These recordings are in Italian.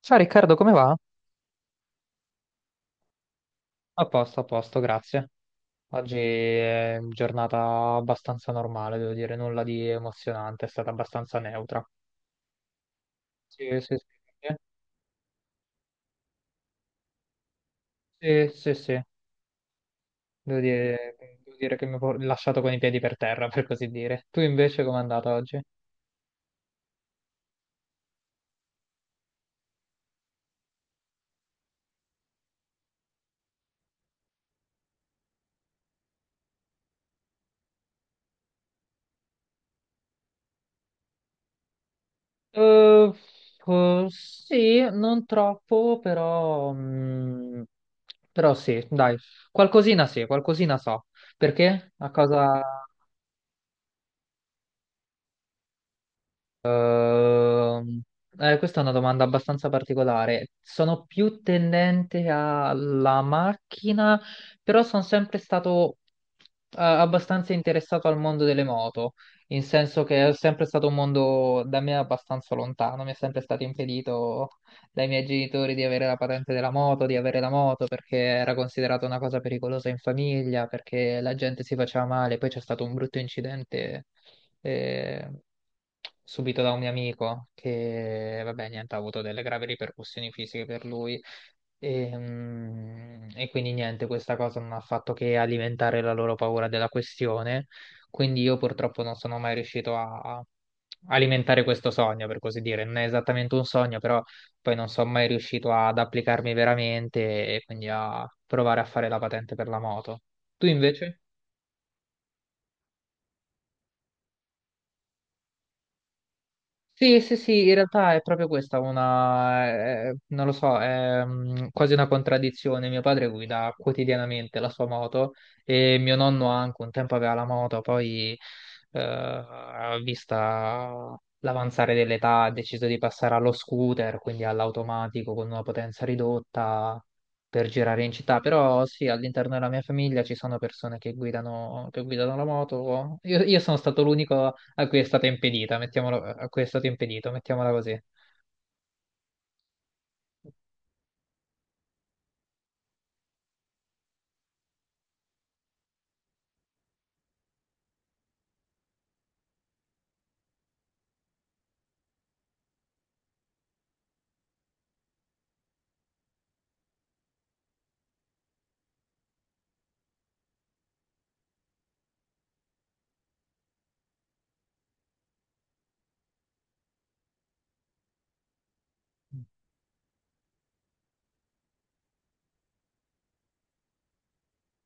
Ciao Riccardo, come va? A posto, grazie. Oggi è giornata abbastanza normale, devo dire, nulla di emozionante, è stata abbastanza neutra. Sì, sì, sì, sì, sì, sì. Devo dire, Devo dire che mi ho lasciato con i piedi per terra, per così dire. Tu invece com'è andata oggi? Eh, sì, non troppo, però, però sì, dai, qualcosina sì, qualcosina so. Perché? A cosa? Ehm, Questa è una domanda abbastanza particolare. Sono più tendente alla macchina, però sono sempre stato abbastanza interessato al mondo delle moto, in senso che è sempre stato un mondo da me abbastanza lontano, mi è sempre stato impedito dai miei genitori di avere la patente della moto, di avere la moto perché era considerata una cosa pericolosa in famiglia, perché la gente si faceva male, poi c'è stato un brutto incidente eh, subito da un mio amico che, vabbè, niente, ha avuto delle gravi ripercussioni fisiche per lui. E, e quindi niente, questa cosa non ha fatto che alimentare la loro paura della questione. Quindi io purtroppo non sono mai riuscito a alimentare questo sogno, per così dire. Non è esattamente un sogno, però poi non sono mai riuscito ad applicarmi veramente e quindi a provare a fare la patente per la moto. Tu invece? Sì, sì, sì, in realtà è proprio questa una, non lo so, è quasi una contraddizione. Mio padre guida quotidianamente la sua moto e mio nonno anche un tempo aveva la moto, poi vista l'avanzare dell'età ha deciso di passare allo scooter, quindi all'automatico con una potenza ridotta per girare in città. Però sì, all'interno della mia famiglia ci sono persone che guidano la moto. Io sono stato l'unico a cui è stata impedita, mettiamolo, a cui è stato impedito, mettiamola così.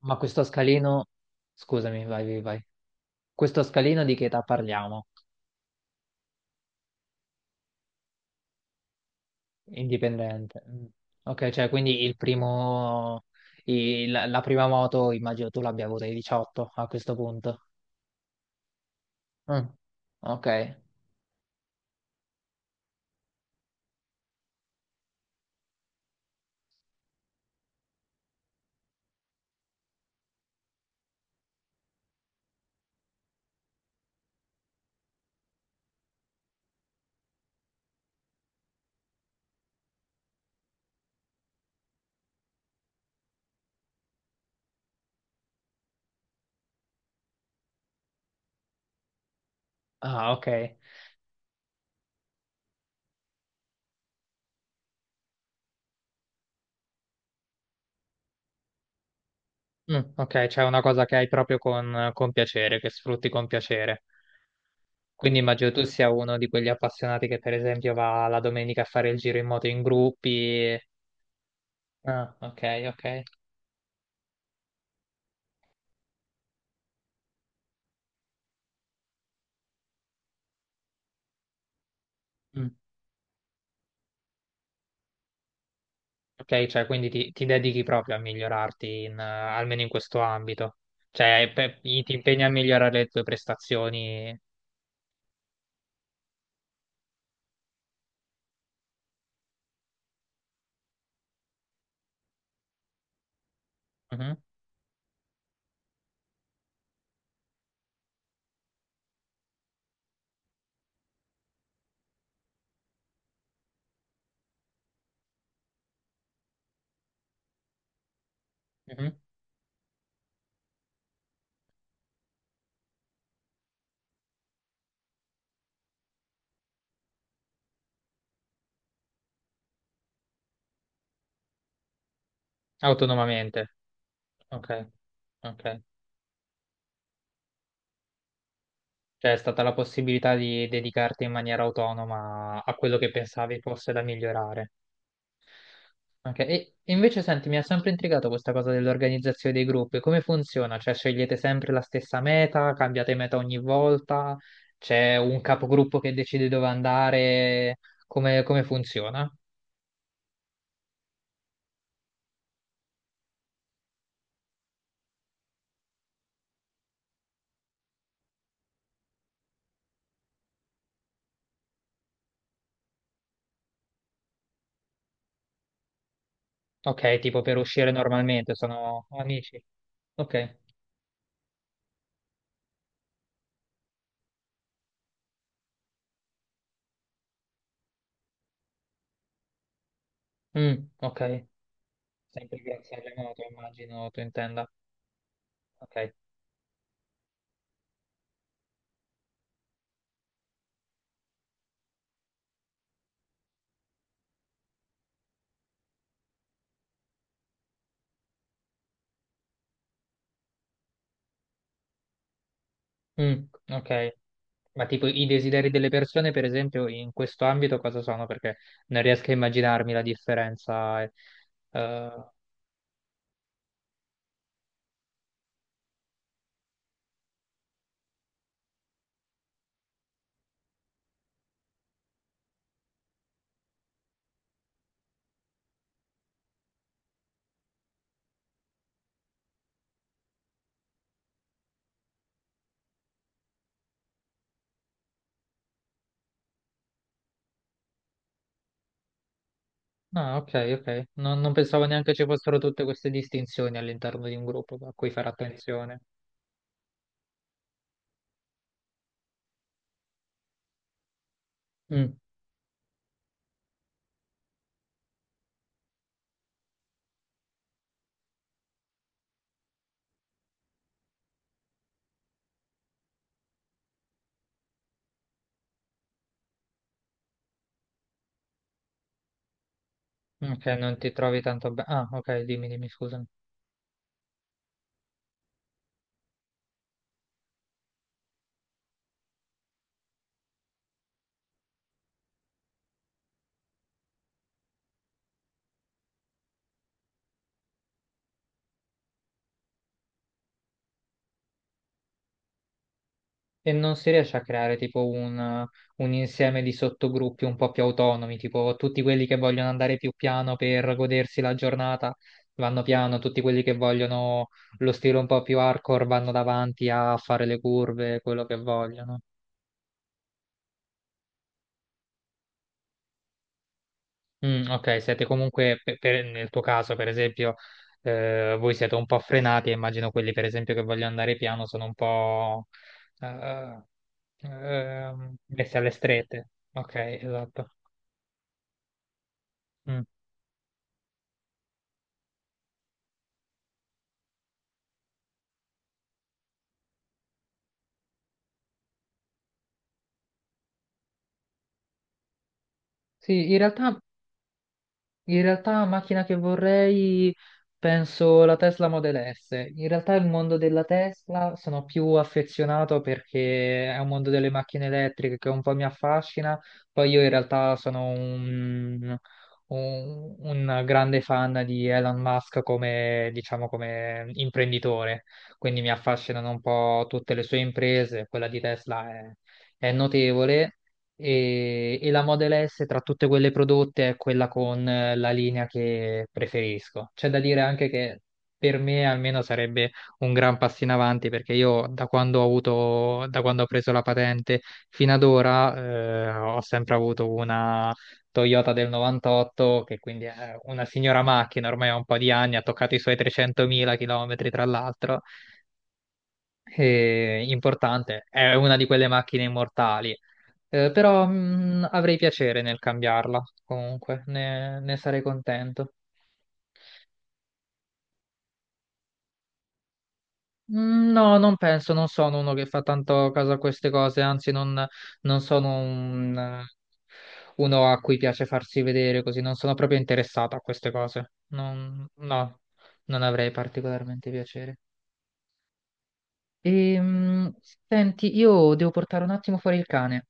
Ma questo scalino, scusami, vai, vai, vai. Questo scalino di che età parliamo? Indipendente. Mm. Ok, cioè quindi il primo, la prima moto immagino tu l'abbia avuta ai 18 a questo punto. Mm. Ok. Ah, ok. Mm, ok, c'è una cosa che hai proprio con piacere, che sfrutti con piacere. Quindi immagino tu sia uno di quegli appassionati che per esempio va la domenica a fare il giro in moto in gruppi. Ah, ok, ok. Mm. Ok, cioè quindi ti dedichi proprio a migliorarti in, almeno in questo ambito. Cioè, ti impegni a migliorare le tue prestazioni mhm, mhm, autonomamente. Ok, ok. Cioè, è stata la possibilità di dedicarti in maniera autonoma a quello che pensavi fosse da migliorare. Ok, e invece senti, mi ha sempre intrigato questa cosa dell'organizzazione dei gruppi. Come funziona? Cioè, scegliete sempre la stessa meta, cambiate meta ogni volta, c'è un capogruppo che decide dove andare, come, come funziona? Ok, tipo per uscire normalmente, sono amici. Ok. Mm, ok. Sempre grazie al remoto, immagino tu intenda. Ok. Mm, ok. Ma tipo i desideri delle persone, per esempio, in questo ambito cosa sono? Perché non riesco a immaginarmi la differenza. Eh. Eh, ah, ok, ok. Non, non pensavo neanche ci fossero tutte queste distinzioni all'interno di un gruppo a cui fare attenzione. Mm, ok, non ti trovi tanto bene. Ah, ok, dimmi, dimmi, scusa. E non si riesce a creare tipo un insieme di sottogruppi un po' più autonomi, tipo tutti quelli che vogliono andare più piano per godersi la giornata vanno piano, tutti quelli che vogliono lo stile un po' più hardcore vanno davanti a fare le curve, quello che vogliono. Mm, ok, siete comunque, nel tuo caso per esempio, voi siete un po' frenati, e immagino quelli per esempio che vogliono andare piano sono un po' eh, messi alle strette. Ok, esatto. Mm. Sì, in realtà, in realtà la macchina che vorrei penso la Tesla Model S. In realtà il mondo della Tesla sono più affezionato perché è un mondo delle macchine elettriche che un po' mi affascina. Poi io in realtà sono un grande fan di Elon Musk come, diciamo, come imprenditore, quindi mi affascinano un po' tutte le sue imprese, quella di Tesla è notevole e la Model S tra tutte quelle prodotte è quella con la linea che preferisco. C'è da dire anche che per me almeno sarebbe un gran passo in avanti perché io da quando ho preso la patente fino ad ora ho sempre avuto una Toyota del 98 che quindi è una signora macchina, ormai ha un po' di anni, ha toccato i suoi 300.000 km tra l'altro importante, è una di quelle macchine immortali. Però avrei piacere nel cambiarla, comunque, ne sarei contento. Mm, no, non penso, non sono uno che fa tanto caso a queste cose, anzi non sono uno a cui piace farsi vedere così, non sono proprio interessato a queste cose. No, non avrei particolarmente piacere. E, senti, io devo portare un attimo fuori il cane,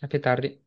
a più tardi.